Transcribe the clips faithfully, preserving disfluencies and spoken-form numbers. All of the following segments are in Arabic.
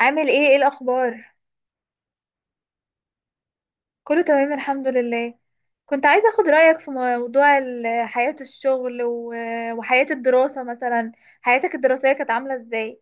عامل ايه؟ ايه الاخبار؟ كله تمام، الحمد لله. كنت عايزه اخد رايك في موضوع ال- حياه الشغل و- وحياه الدراسه مثلا. حياتك الدراسيه كانت عامله ازاي؟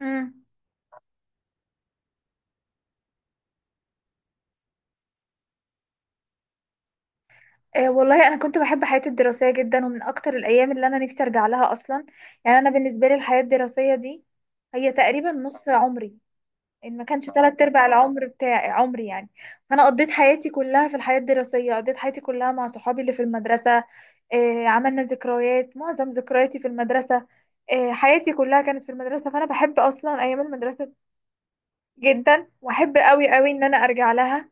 امم. آه، والله انا كنت بحب حياتي الدراسيه جدا، ومن اكتر الايام اللي انا نفسي ارجع لها اصلا. يعني انا بالنسبه لي الحياه الدراسيه دي هي تقريبا نص عمري، ان ما كانش تلات ارباع العمر بتاعي، عمري يعني. فانا قضيت حياتي كلها في الحياه الدراسيه، قضيت حياتي كلها مع صحابي اللي في المدرسه. آه، عملنا ذكريات، معظم ذكرياتي في المدرسه. آه، حياتي كلها كانت في المدرسه، فانا بحب اصلا ايام المدرسه جدا، واحب قوي قوي ان انا ارجع لها.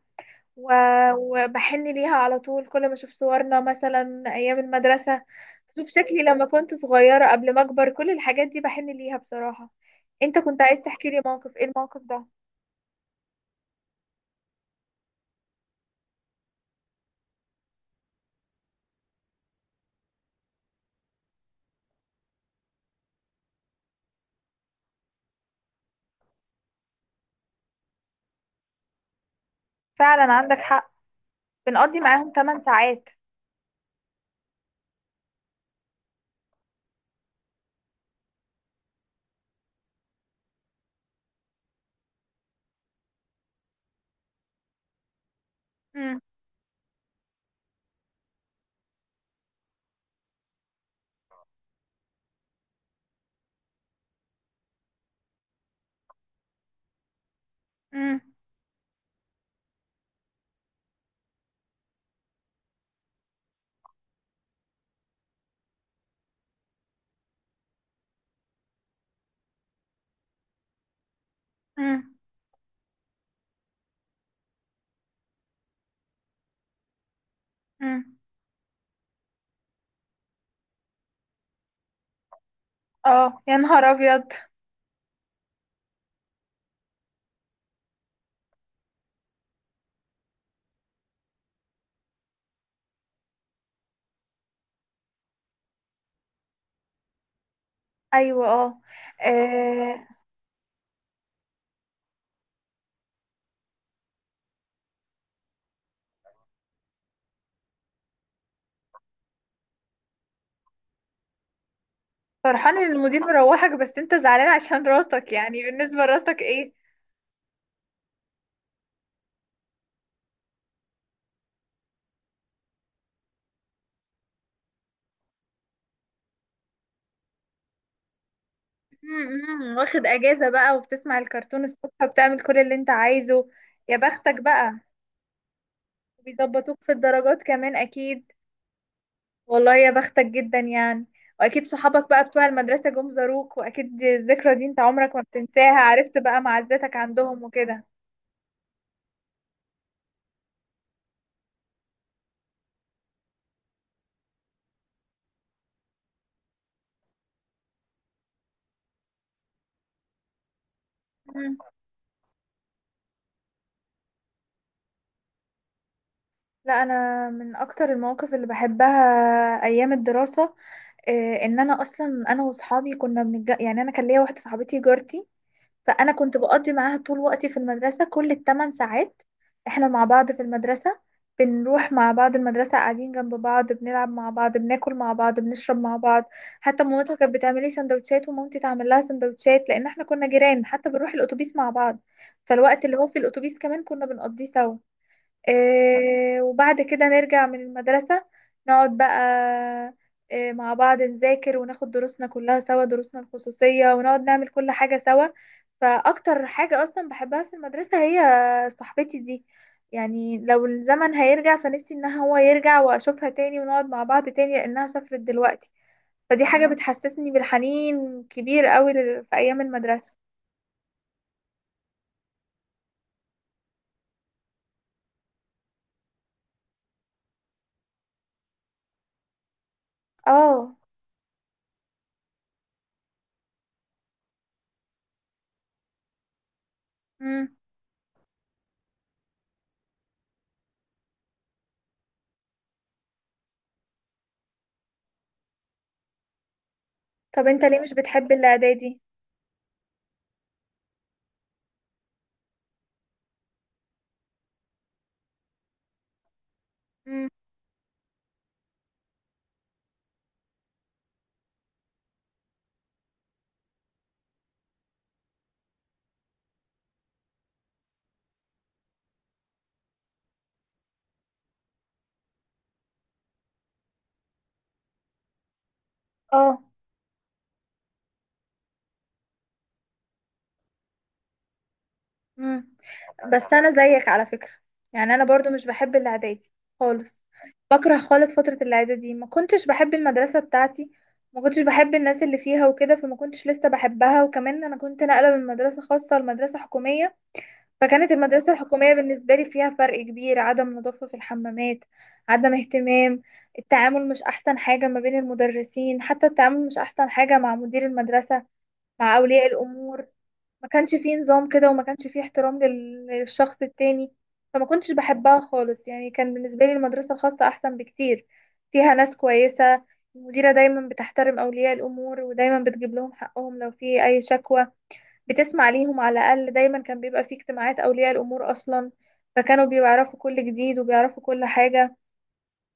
و- وبحن ليها على طول، كل ما اشوف صورنا مثلا ايام المدرسه، اشوف شكلي لما كنت صغيره قبل ما اكبر، كل الحاجات دي بحن ليها بصراحه. انت كنت عايز تحكي لي موقف، ايه الموقف ده؟ فعلا عندك حق. بنقضي معاهم 8 ساعات. مم. مم. مم. مم. اه، يا نهار ابيض. ايوه، اه. آه، فرحان ان المدير مروحك، بس انت زعلان عشان راسك، يعني بالنسبه لراسك ايه؟ مم. مم. واخد اجازة بقى، وبتسمع الكرتون الصبح، وبتعمل كل اللي انت عايزه. يا بختك بقى. بيظبطوك في الدرجات كمان اكيد. والله يا بختك جدا يعني. واكيد صحابك بقى بتوع المدرسة جم زاروك، واكيد الذكرى دي انت عمرك ما بتنساها، عرفت بقى معزتك عندهم وكده. لا، انا من اكتر المواقف اللي بحبها ايام الدراسه. إيه، ان انا اصلا، انا واصحابي كنا بنج... يعني انا كان ليا واحده صاحبتي جارتي، فانا كنت بقضي معاها طول وقتي في المدرسه، كل الثمان ساعات. احنا مع بعض في المدرسه، بنروح مع بعض المدرسه، قاعدين جنب بعض، بنلعب مع بعض، بناكل مع بعض، بنشرب مع بعض. حتى مامتها كانت بتعمل لي سندوتشات، ومامتي تعمل لها سندوتشات، لان احنا كنا جيران، حتى بنروح الاتوبيس مع بعض. فالوقت اللي هو في الاتوبيس كمان كنا بنقضيه سوا. آه، وبعد كده نرجع من المدرسة، نقعد بقى آه، مع بعض نذاكر، وناخد دروسنا كلها سوا، دروسنا الخصوصية، ونقعد نعمل كل حاجة سوا. فأكتر حاجة أصلا بحبها في المدرسة هي صاحبتي دي. يعني لو الزمن هيرجع فنفسي إن هو يرجع وأشوفها تاني ونقعد مع بعض تاني، لأنها سافرت دلوقتي. فدي حاجة بتحسسني بالحنين كبير قوي لل- في أيام المدرسة. اه. مم. طب انت ليه مش بتحب الإعدادي؟ مم. اه. مم. بس انا زيك على فكرة، يعني انا برضو مش بحب الاعدادي خالص. بكره خالص فترة الاعدادي دي، ما كنتش بحب المدرسة بتاعتي، ما كنتش بحب الناس اللي فيها وكده، فما كنتش لسه بحبها، وكمان انا كنت ناقلة من مدرسة خاصة لمدرسة حكومية. فكانت المدرسة الحكومية بالنسبة لي فيها فرق كبير، عدم نظافة في الحمامات، عدم اهتمام، التعامل مش احسن حاجة ما بين المدرسين، حتى التعامل مش احسن حاجة مع مدير المدرسة، مع اولياء الامور. ما كانش فيه نظام كده، وما كانش فيه احترام لل- للشخص التاني. فما كنتش بحبها خالص، يعني كان بالنسبة لي المدرسة الخاصة أحسن بكتير. فيها ناس كويسة، المديرة دايما بتحترم أولياء الأمور، ودايما بتجيب لهم حقهم لو في أي شكوى، بتسمع ليهم على الأقل، دايما كان بيبقى فيه اجتماعات أولياء الأمور أصلا، فكانوا بيعرفوا كل جديد وبيعرفوا كل حاجة.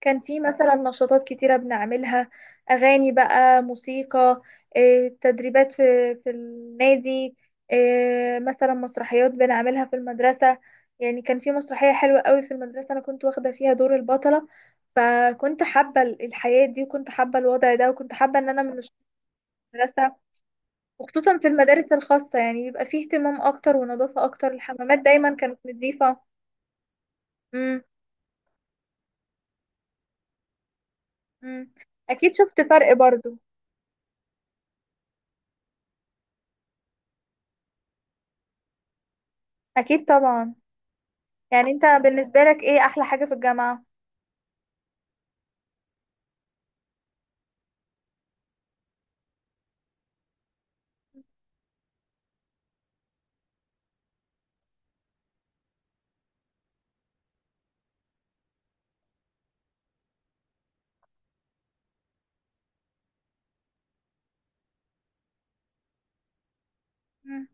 كان في مثلا نشاطات كتيرة بنعملها، أغاني بقى، موسيقى، إيه، تدريبات في في النادي، إيه، مثلا مسرحيات بنعملها في المدرسة. يعني كان في مسرحية حلوة قوي في المدرسة، أنا كنت واخدة فيها دور البطلة. فكنت حابة ال- الحياة دي، وكنت حابة الوضع ده، وكنت حابة إن أنا مش في المدرسة. وخصوصا في المدارس الخاصة، يعني بيبقى فيه اهتمام أكتر ونظافة أكتر، الحمامات دايما كانت نظيفة. مم، مم. أكيد شفت فرق برضو. أكيد طبعا. يعني انت بالنسبة لك ايه احلى حاجة في الجامعة؟ مم.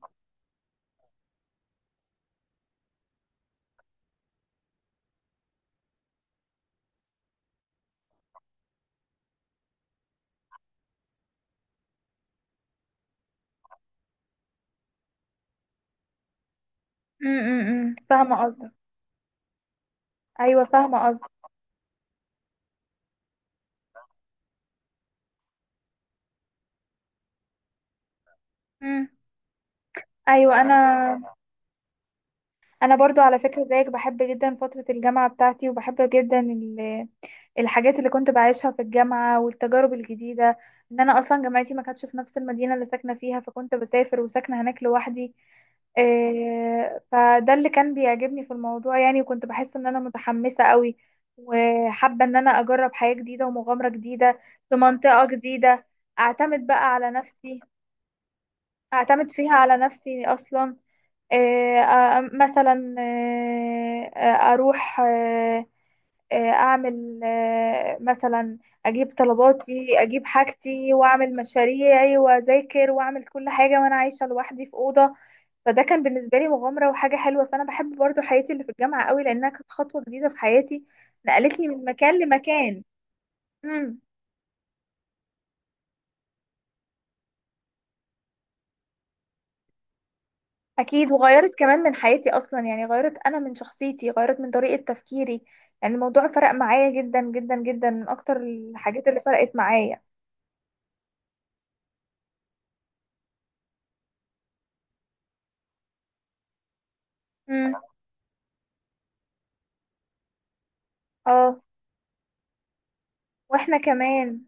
مم، مم، مم. فاهمة قصدك. ايوه فاهمة قصدك. مم. ايوه، انا انا برضو على فكرة زيك بحب جدا فترة الجامعة بتاعتي، وبحب جدا ال- الحاجات اللي كنت بعيشها في الجامعة والتجارب الجديدة. ان انا اصلا جامعتي ما كانتش في نفس المدينة اللي ساكنة فيها، فكنت بسافر وساكنة هناك لوحدي. آه، فده اللي كان بيعجبني في الموضوع يعني، وكنت بحس ان انا متحمسة قوي، وحابة ان انا اجرب حياة جديدة ومغامرة جديدة في منطقة جديدة. اعتمد بقى على نفسي، اعتمد فيها على نفسي اصلا. آه، آه، مثلا آه، آه، اروح آه، آه، اعمل آه، مثلا اجيب طلباتي، اجيب حاجتي، واعمل مشاريعي، واذاكر، واعمل كل حاجه وانا عايشه لوحدي في اوضه. فده كان بالنسبه لي مغامره وحاجه حلوه، فانا بحب برضو حياتي اللي في الجامعه قوي، لانها كانت خطوه جديده في حياتي، نقلتني من مكان لمكان. مم. اكيد، وغيرت كمان من حياتي اصلا، يعني غيرت انا من شخصيتي، غيرت من طريقة تفكيري. يعني الموضوع فرق معايا جدا جدا جدا، من اكتر الحاجات اللي فرقت معايا. امم. اه واحنا كمان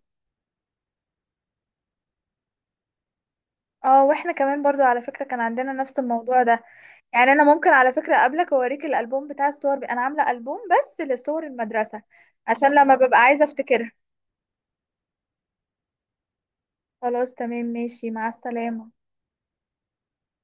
اه واحنا كمان برضو على فكرة كان عندنا نفس الموضوع ده. يعني انا ممكن على فكرة قبلك اوريك الالبوم بتاع الصور، ب... انا عاملة البوم بس لصور المدرسة، عشان لما ببقى عايزة افتكرها. خلاص، تمام، ماشي، مع السلامة.